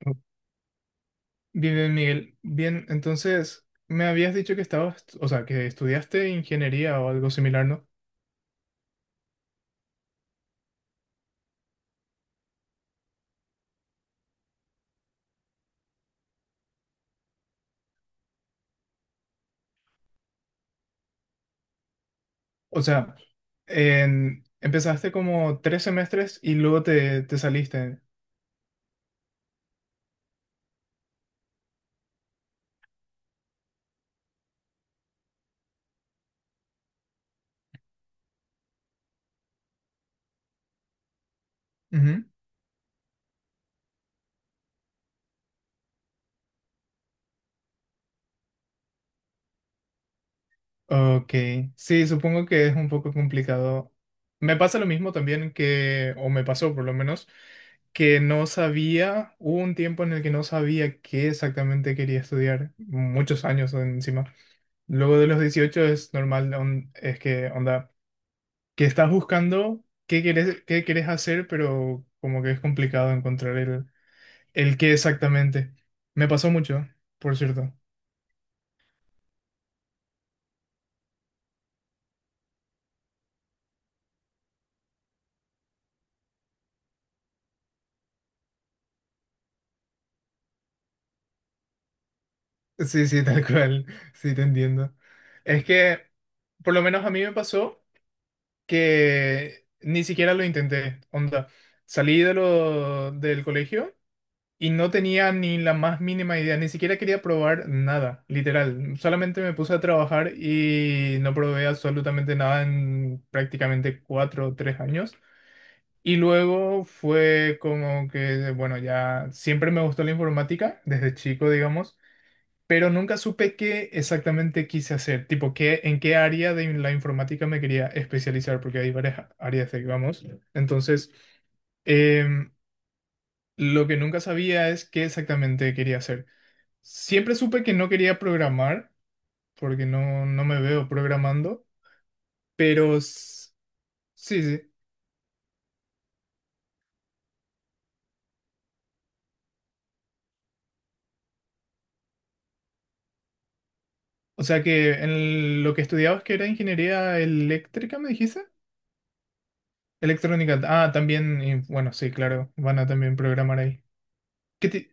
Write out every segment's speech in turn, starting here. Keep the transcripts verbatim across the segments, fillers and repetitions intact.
Bien, bien, Miguel. Bien, entonces me habías dicho que estabas, o sea, que estudiaste ingeniería o algo similar, ¿no? O sea, en- empezaste como tres semestres y luego te, te saliste. Ujú. Ok, sí, supongo que es un poco complicado. Me pasa lo mismo también que, o me pasó por lo menos, que no sabía, hubo un tiempo en el que no sabía qué exactamente quería estudiar, muchos años encima. Luego de los dieciocho es normal, on- es que onda, que estás buscando qué querés, qué querés hacer, pero como que es complicado encontrar el, el qué exactamente. Me pasó mucho, por cierto. Sí, sí, tal cual. Sí, te entiendo. Es que, por lo menos a mí me pasó que ni siquiera lo intenté. Onda, salí de lo, del colegio, y no tenía ni la más mínima idea, ni siquiera quería probar nada, literal. Solamente me puse a trabajar y no probé absolutamente nada en prácticamente cuatro o tres años. Y luego fue como que, bueno, ya siempre me gustó la informática, desde chico, digamos, pero nunca supe qué exactamente quise hacer, tipo, qué, en qué área de la informática me quería especializar, porque hay varias áreas, digamos. Entonces, em, lo que nunca sabía es qué exactamente quería hacer. Siempre supe que no quería programar, porque no, no me veo programando, pero s- sí, sí. O sea que en lo que estudiabas que era ingeniería eléctrica, ¿me dijiste? Electrónica. Ah, también, y bueno, sí, claro, van a también programar ahí. ¿Qué ti-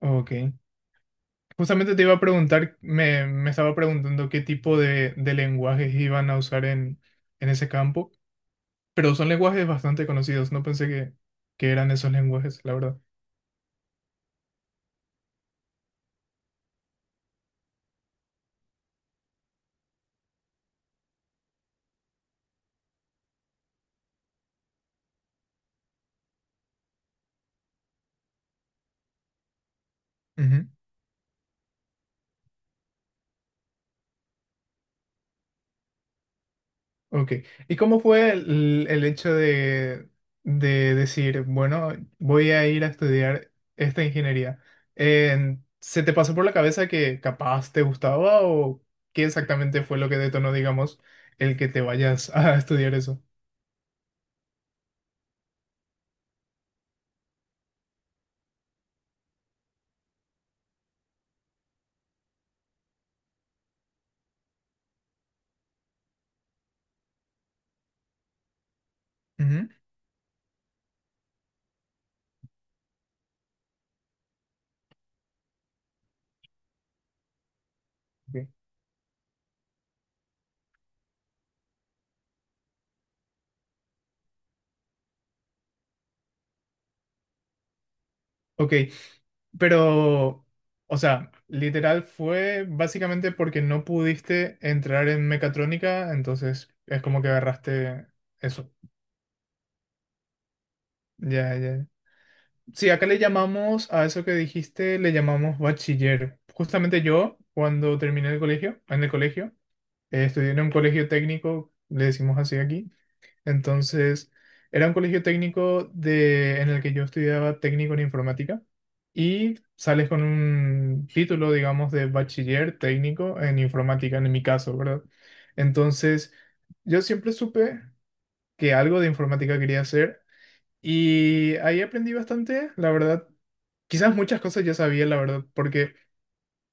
Ok. Justamente te iba a preguntar, me, me estaba preguntando qué tipo de, de lenguajes iban a usar en, en ese campo, pero son lenguajes bastante conocidos, no pensé que, que eran esos lenguajes, la verdad. Ok. ¿Y cómo fue el, el hecho de, de decir, bueno, voy a ir a estudiar esta ingeniería? En- ¿se te pasó por la cabeza que capaz te gustaba o qué exactamente fue lo que detonó, digamos, el que te vayas a estudiar eso? Ujú. Ok. Ok, pero, o sea, literal fue básicamente porque no pudiste entrar en mecatrónica, entonces es como que agarraste eso. Ya, ya. Sí, acá le llamamos a eso que dijiste, le llamamos bachiller. Justamente yo, cuando terminé el colegio, en el colegio, eh, estudié en un colegio técnico, le decimos así aquí. Entonces, era un colegio técnico de, en el que yo estudiaba técnico en informática y sales con un título, digamos, de bachiller técnico en informática, en mi caso, ¿verdad? Entonces, yo siempre supe que algo de informática quería hacer. Y ahí aprendí bastante, la verdad. Quizás muchas cosas ya sabía, la verdad, porque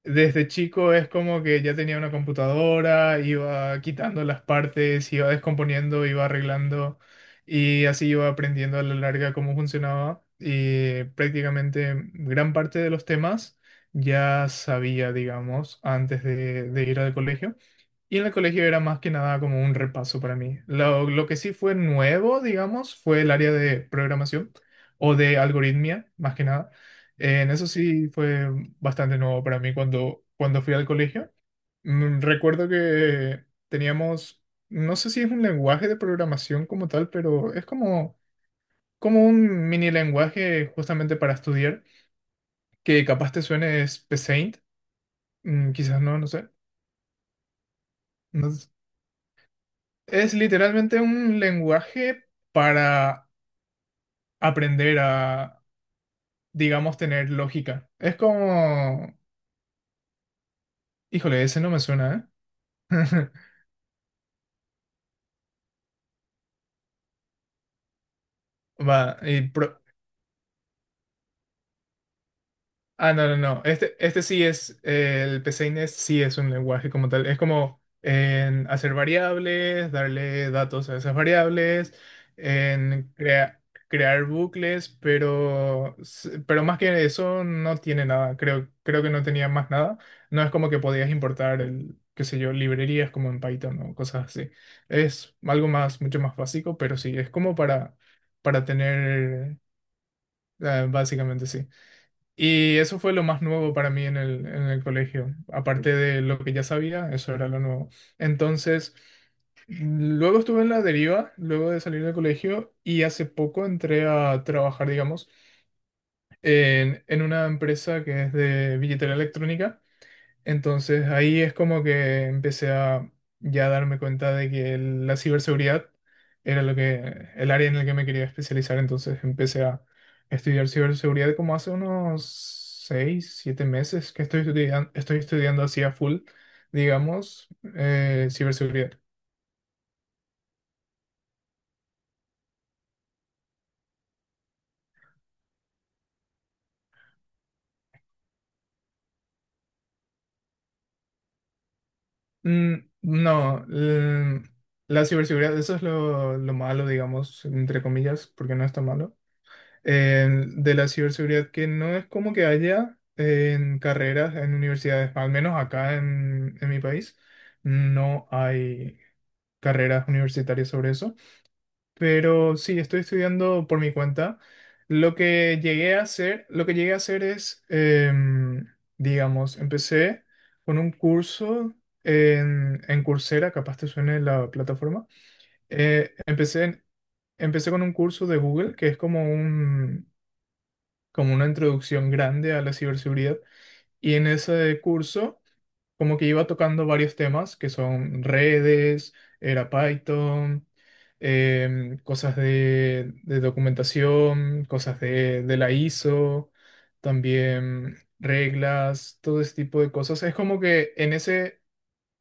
desde chico es como que ya tenía una computadora, iba quitando las partes, iba descomponiendo, iba arreglando y así iba aprendiendo a la larga cómo funcionaba, y prácticamente gran parte de los temas ya sabía, digamos, antes de, de ir al colegio. Y en el colegio era más que nada como un repaso para mí. Lo, lo que sí fue nuevo, digamos, fue el área de programación o de algoritmia, más que nada. Eh, en eso sí fue bastante nuevo para mí cuando, cuando fui al colegio. Mm, Recuerdo que teníamos, no sé si es un lenguaje de programación como tal, pero es como, como un mini lenguaje justamente para estudiar, que capaz te suene, es Paint, mm, quizás no, no sé. No, es literalmente un lenguaje para aprender a, digamos, tener lógica. Es como... Híjole, ese no me suena, ¿eh? Va, y pro- Ah, no, no, no. Este, este sí es, eh, el PCINES sí es un lenguaje como tal. Es como en hacer variables, darle datos a esas variables, en crea- crear bucles, pero, s- pero más que eso no tiene nada. Creo, creo que no tenía más nada. No es como que podías importar el, qué sé yo, librerías como en Python o cosas así. Es algo más, mucho más básico, pero sí, es como para, para tener, eh, básicamente sí. Y eso fue lo más nuevo para mí en el, en el colegio. Aparte de lo que ya sabía, eso era lo nuevo. Entonces, luego estuve en la deriva, luego de salir del colegio, y hace poco entré a trabajar, digamos, en, en una empresa que es de billetera electrónica. Entonces ahí es como que empecé a ya darme cuenta de que el- la ciberseguridad era lo que, el área en la que me quería especializar. Entonces empecé a estudiar ciberseguridad como hace unos seis, siete meses que estoy estudiando, estoy estudiando así a full, digamos, eh, ciberseguridad. Mm, no, l- la ciberseguridad, eso es lo, lo malo, digamos, entre comillas, porque no está malo eh, de la ciberseguridad, que no es como que haya en carreras, en universidades, al menos acá en, en mi país, no hay carreras universitarias sobre eso. Pero sí, estoy estudiando por mi cuenta. Lo que llegué a hacer, lo que llegué a hacer es, em, digamos, empecé con un curso en, en Coursera, capaz te suene la plataforma. Eh, empecé en- Empecé con un curso de Google, que es como un, como una introducción grande a la ciberseguridad. Y en ese curso, como que iba tocando varios temas que son redes, era Python, em, cosas de, de documentación, cosas de, de la I S O, también reglas, todo ese tipo de cosas. Es como que en ese,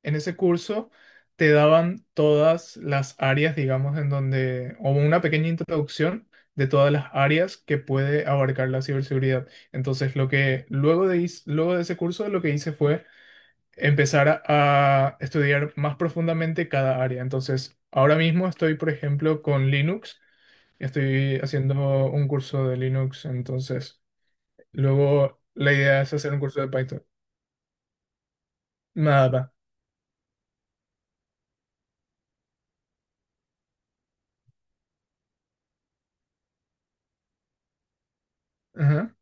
en ese curso te daban todas las áreas, digamos, en donde, o una pequeña introducción de todas las áreas que puede abarcar la ciberseguridad. Entonces, lo que luego de, is- luego de ese curso, lo que hice fue empezar a, a estudiar más profundamente cada área. Entonces, ahora mismo estoy, por ejemplo, con Linux. Estoy haciendo un curso de Linux. Entonces, luego la idea es hacer un curso de Python. Nada. Ajá.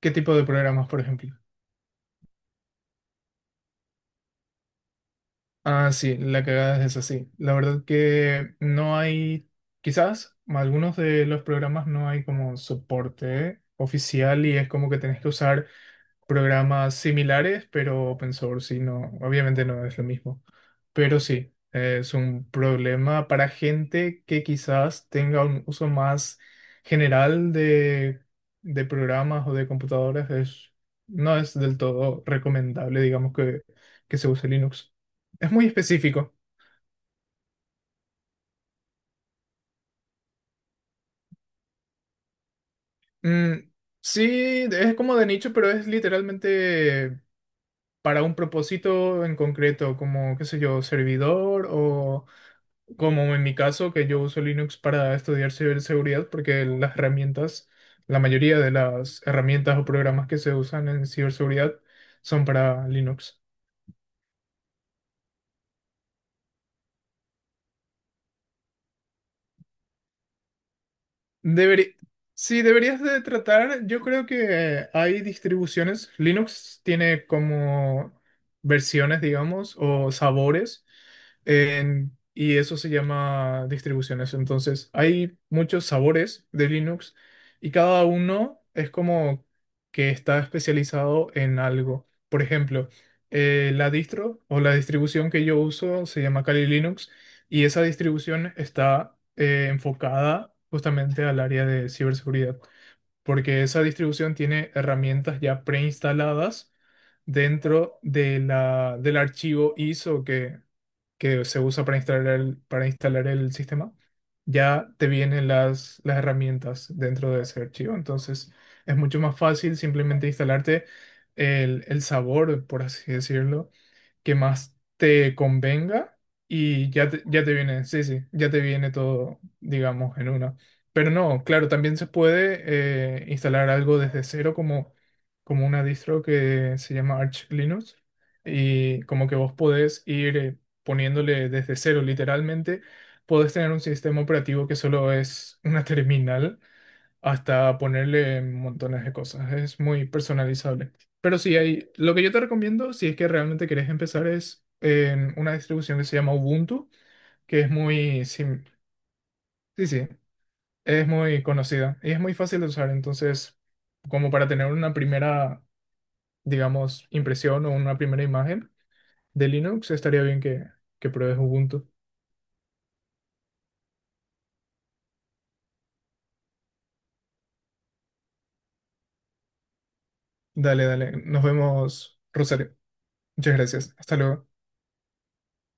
¿Qué tipo de programas, por ejemplo? Ah, sí, la cagada es así. La verdad que no hay, quizás algunos de los programas no hay como soporte oficial y es como que tenés que usar programas similares, pero open source, y no, obviamente no es lo mismo. Pero sí, es un problema para gente que quizás tenga un uso más general de, de programas o de computadoras. Es, no es del todo recomendable, digamos, que, que se use Linux. Es muy específico. Mm, sí, es como de nicho, pero es literalmente para un propósito en concreto, como, qué sé yo, servidor o como en mi caso, que yo uso Linux para estudiar ciberseguridad, porque las herramientas, la mayoría de las herramientas o programas que se usan en ciberseguridad son para Linux. Deberí- sí, deberías de tratar, yo creo que hay distribuciones, Linux tiene como versiones, digamos, o sabores, en- y eso se llama distribuciones. Entonces, hay muchos sabores de Linux y cada uno es como que está especializado en algo. Por ejemplo, eh, la distro o la distribución que yo uso se llama Kali Linux. Y esa distribución está eh, enfocada justamente al área de ciberseguridad, porque esa distribución tiene herramientas ya preinstaladas dentro de la, del archivo I S O que que se usa para instalar el, para instalar el sistema, ya te vienen las, las herramientas dentro de ese archivo. Entonces es mucho más fácil simplemente instalarte el, el sabor, por así decirlo, que más te convenga y ya te, ya te viene, sí, sí, ya te viene todo, digamos, en una. Pero no, claro, también se puede eh, instalar algo desde cero como, como una distro que se llama Arch Linux y como que vos podés ir... eh, poniéndole desde cero literalmente, podés tener un sistema operativo que solo es una terminal hasta ponerle montones de cosas. Es muy personalizable. Pero sí, hay, lo que yo te recomiendo, si es que realmente querés empezar, es en una distribución que se llama Ubuntu, que es muy, sim- sí, sí, es muy conocida y es muy fácil de usar. Entonces, como para tener una primera, digamos, impresión o una primera imagen de Linux, estaría bien que, que pruebes Ubuntu. Dale, dale. Nos vemos, Rosario. Muchas gracias. Hasta luego.